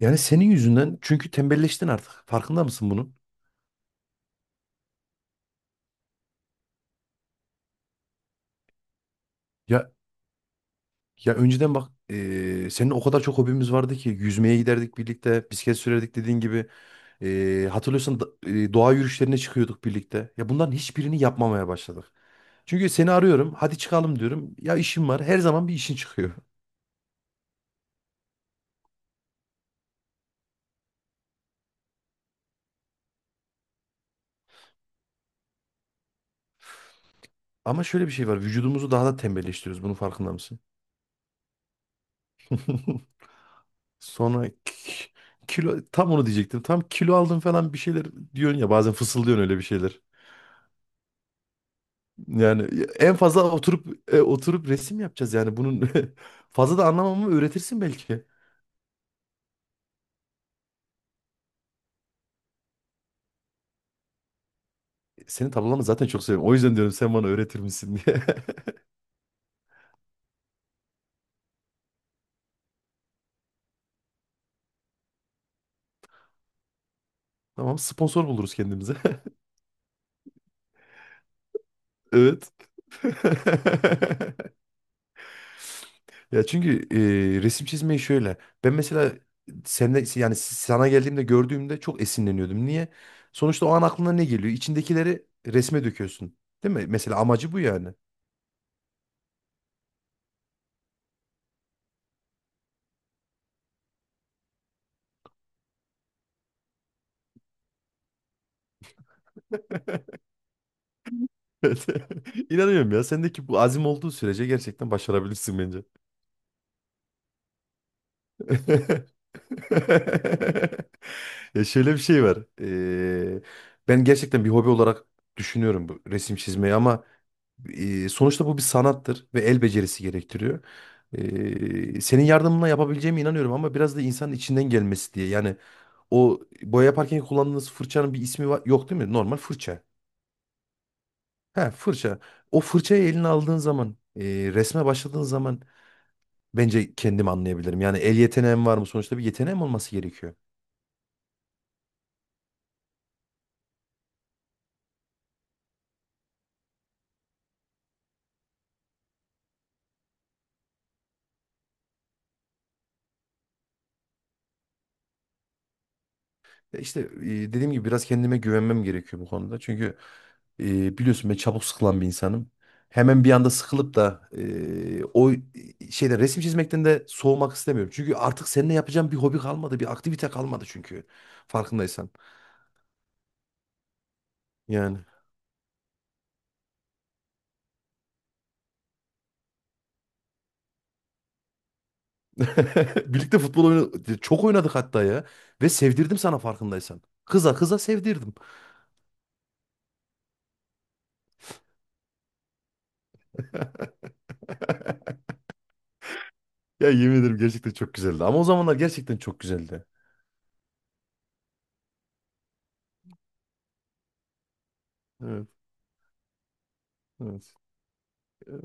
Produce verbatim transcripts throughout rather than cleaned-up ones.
Yani senin yüzünden çünkü tembelleştin artık. Farkında mısın bunun? Ya ya önceden bak eee, senin o kadar çok hobimiz vardı ki yüzmeye giderdik birlikte, bisiklet sürerdik dediğin gibi. Eee, hatırlıyorsan da- eee, doğa yürüyüşlerine çıkıyorduk birlikte. Ya bunların hiçbirini yapmamaya başladık. Çünkü seni arıyorum, hadi çıkalım diyorum. Ya işim var. Her zaman bir işin çıkıyor. Ama şöyle bir şey var. Vücudumuzu daha da tembelleştiriyoruz. Bunun farkında mısın? Sonra ki- kilo tam onu diyecektim. Tam kilo aldım falan bir şeyler diyorsun ya bazen fısıldıyorsun öyle bir şeyler. Yani en fazla oturup e, oturup resim yapacağız yani bunun fazla da anlamamı öğretirsin belki. Senin tablolarını zaten çok seviyorum. O yüzden diyorum sen bana öğretir misin diye. Tamam sponsor buluruz kendimize. Evet. Ya çünkü e, resim çizmeyi şöyle. Ben mesela seninle yani sana geldiğimde gördüğümde çok esinleniyordum. Niye? Sonuçta o an aklına ne geliyor? İçindekileri resme döküyorsun. Değil mi? Mesela amacı bu yani. Evet. İnanıyorum ya. Sendeki bu azim olduğu sürece gerçekten başarabilirsin bence. Ya şöyle bir şey var. Ee, ben gerçekten bir hobi olarak düşünüyorum bu resim çizmeyi ama e, sonuçta bu bir sanattır ve el becerisi gerektiriyor. Ee, senin yardımına yapabileceğime inanıyorum ama biraz da insanın içinden gelmesi diye. Yani o boya yaparken kullandığınız fırçanın bir ismi var, yok değil mi? Normal fırça. He fırça. O fırçayı eline aldığın zaman, e, resme başladığın zaman bence kendim anlayabilirim. Yani el yeteneğim var mı? Sonuçta bir yeteneğim olması gerekiyor. Ya İşte e, dediğim gibi biraz kendime güvenmem gerekiyor bu konuda. Çünkü e, biliyorsun ben çabuk sıkılan bir insanım. Hemen bir anda sıkılıp da e, o şeyde resim çizmekten de soğumak istemiyorum. Çünkü artık seninle yapacağım bir hobi kalmadı, bir aktivite kalmadı çünkü. Farkındaysan. Yani. Birlikte futbol oynadık. Çok oynadık hatta ya. Ve sevdirdim sana farkındaysan. Kıza kıza sevdirdim. Ya yemin ederim gerçekten çok güzeldi. Ama o zamanlar gerçekten çok güzeldi. Evet, evet.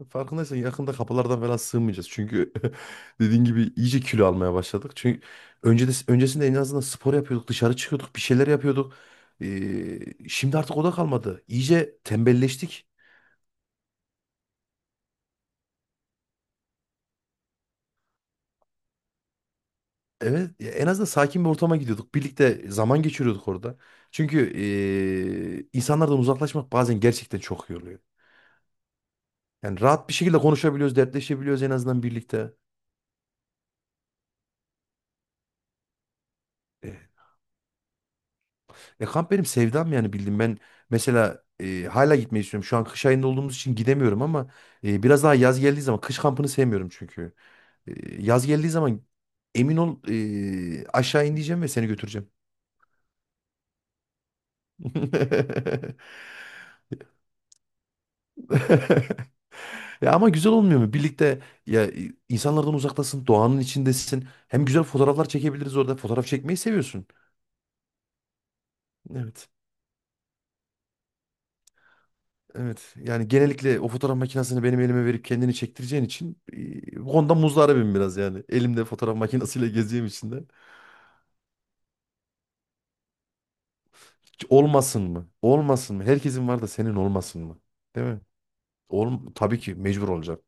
Farkındaysan yakında kapılardan falan sığmayacağız. Çünkü dediğin gibi iyice kilo almaya başladık. Çünkü önce de, öncesinde en azından spor yapıyorduk, dışarı çıkıyorduk, bir şeyler yapıyorduk. Ee, şimdi artık o da kalmadı. İyice tembelleştik. Evet, ya en azından sakin bir ortama gidiyorduk. Birlikte zaman geçiriyorduk orada. Çünkü ee, insanlardan uzaklaşmak bazen gerçekten çok iyi oluyor. Yani rahat bir şekilde konuşabiliyoruz, dertleşebiliyoruz en azından birlikte. Eh. E kamp benim sevdam yani bildim ben mesela e, hala gitmeyi istiyorum. Şu an kış ayında olduğumuz için gidemiyorum ama e, biraz daha yaz geldiği zaman kış kampını sevmiyorum çünkü. E, yaz geldiği zaman emin ol e, aşağı ineceğim ve seni götüreceğim. Ya ama güzel olmuyor mu? Birlikte ya e, insanlardan uzaktasın, doğanın içindesin. Hem güzel fotoğraflar çekebiliriz orada. Fotoğraf çekmeyi seviyorsun. Evet. Evet. Yani genellikle o fotoğraf makinesini benim elime verip kendini çektireceğin için e, Honda muzdaribim biraz yani. Elimde fotoğraf makinesiyle gezdiğim için de. Hiç olmasın mı? Olmasın mı? Herkesin var da senin olmasın mı? Değil mi? Ol tabii ki mecbur olacak.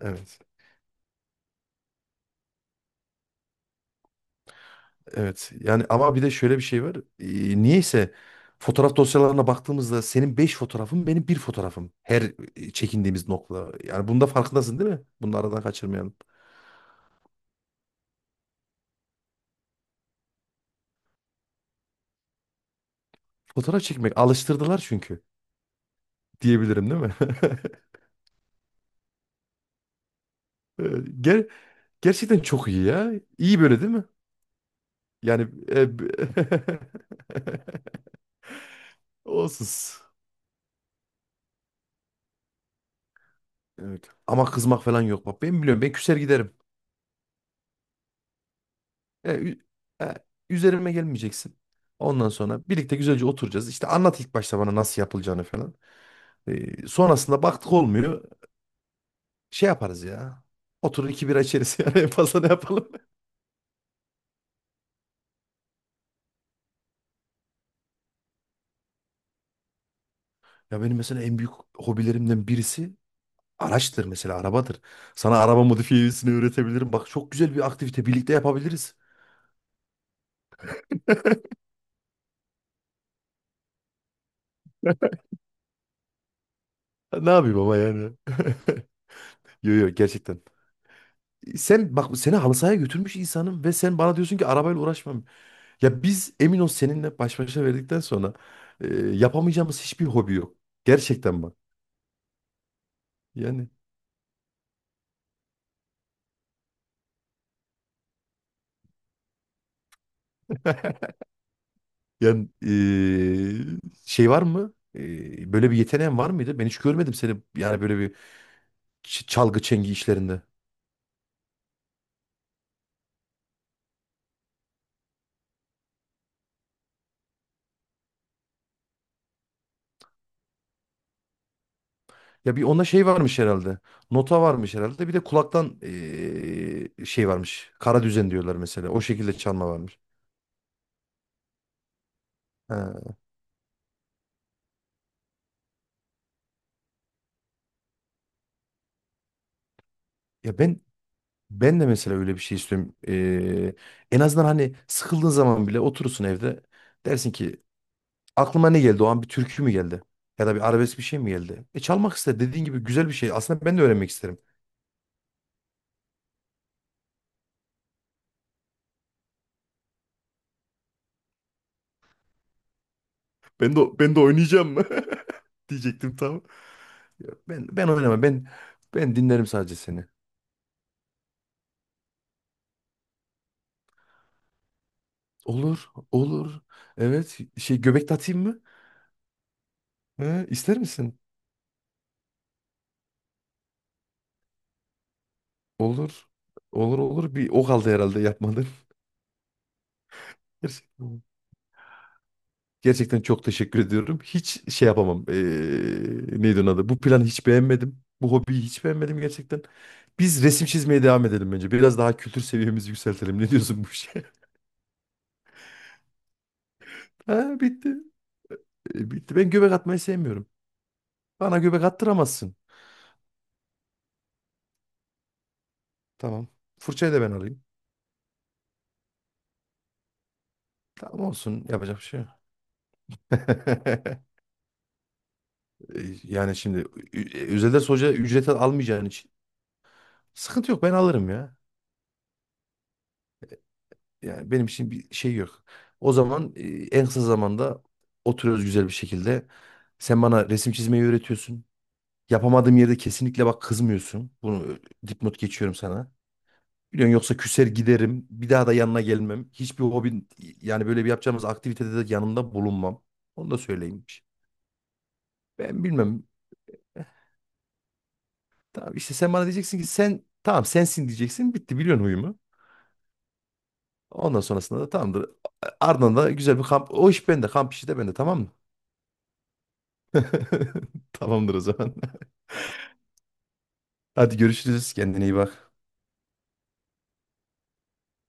Evet. Evet. Yani ama bir de şöyle bir şey var. E, niyeyse fotoğraf dosyalarına baktığımızda senin beş fotoğrafın benim bir fotoğrafım. Her e, çekindiğimiz nokta. Yani bunda farkındasın değil mi? Bunu aradan kaçırmayalım. Fotoğraf çekmek alıştırdılar çünkü diyebilirim değil mi? Ee, ger- gerçekten çok iyi ya. İyi böyle değil mi? Yani e, b- olsun. Evet. Ama kızmak falan yok. Bak ben biliyorum. Ben küser giderim. E, ü- e, üzerime gelmeyeceksin. Ondan sonra birlikte güzelce oturacağız. İşte anlat ilk başta bana nasıl yapılacağını falan. E, sonrasında baktık olmuyor. Şey yaparız ya. Oturur iki bira içeriz yani en fazla ne yapalım? Ya benim mesela en büyük hobilerimden birisi araçtır mesela arabadır. Sana araba modifiyesini öğretebilirim. Bak çok güzel bir aktivite birlikte yapabiliriz. Ne yapayım ama yani. Yo yo gerçekten. Sen bak seni halı sahaya götürmüş insanım ve sen bana diyorsun ki arabayla uğraşmam. Ya biz emin ol seninle baş başa verdikten sonra e, yapamayacağımız hiçbir hobi yok. Gerçekten bak. Yani yani e, şey var mı? E, böyle bir yeteneğin var mıydı? Ben hiç görmedim seni yani böyle bir ç- çalgı çengi işlerinde. Ya bir onda şey varmış herhalde. Nota varmış herhalde. Bir de kulaktan eee, şey varmış. Kara düzen diyorlar mesela. O şekilde çalma varmış. Ha. Ya ben ben de mesela öyle bir şey istiyorum. Eee, en azından hani sıkıldığın zaman bile oturursun evde. Dersin ki aklıma ne geldi? O an bir türkü mü geldi? Ya da bir arabesk bir şey mi geldi? E çalmak ister. Dediğin gibi güzel bir şey. Aslında ben de öğrenmek isterim. Ben de ben de oynayacağım mı? diyecektim tam. Ya Ben ben oynamam. Ben ben dinlerim sadece seni. Olur, olur. Evet, şey göbek de atayım mı? He, ister misin? Olur. Olur olur. Bir o kaldı herhalde yapmadın. Gerçekten gerçekten çok teşekkür ediyorum. Hiç şey yapamam. Ee, neydi onun adı? Bu planı hiç beğenmedim. Bu hobiyi hiç beğenmedim gerçekten. Biz resim çizmeye devam edelim bence. Biraz daha kültür seviyemizi yükseltelim. Ne diyorsun bu işe? Ha, bitti. E, bitti. Ben göbek atmayı sevmiyorum. Bana göbek attıramazsın. Tamam. Fırçayı da ben alayım. Tamam olsun. Yapacak bir şey yok. E, Yani şimdi Ü- Özel ders hoca ücret almayacağın için sıkıntı yok ben alırım ya. Yani benim için bir şey yok. O zaman e, en kısa zamanda oturuyoruz güzel bir şekilde. Sen bana resim çizmeyi öğretiyorsun. Yapamadığım yerde kesinlikle bak kızmıyorsun. Bunu e, dipnot geçiyorum sana. Biliyorsun yoksa küser giderim. Bir daha da yanına gelmem. Hiçbir hobin yani böyle bir yapacağımız aktivitede de yanında bulunmam. Onu da söyleyeyim. Ben bilmem. Tamam işte sen bana diyeceksin ki sen tamam sensin diyeceksin. Bitti biliyorsun huyumu. Ondan sonrasında da tamamdır. Ardından da güzel bir kamp. O iş bende. Kamp işi de bende tamam mı? Tamamdır o zaman. Hadi görüşürüz. Kendine iyi bak.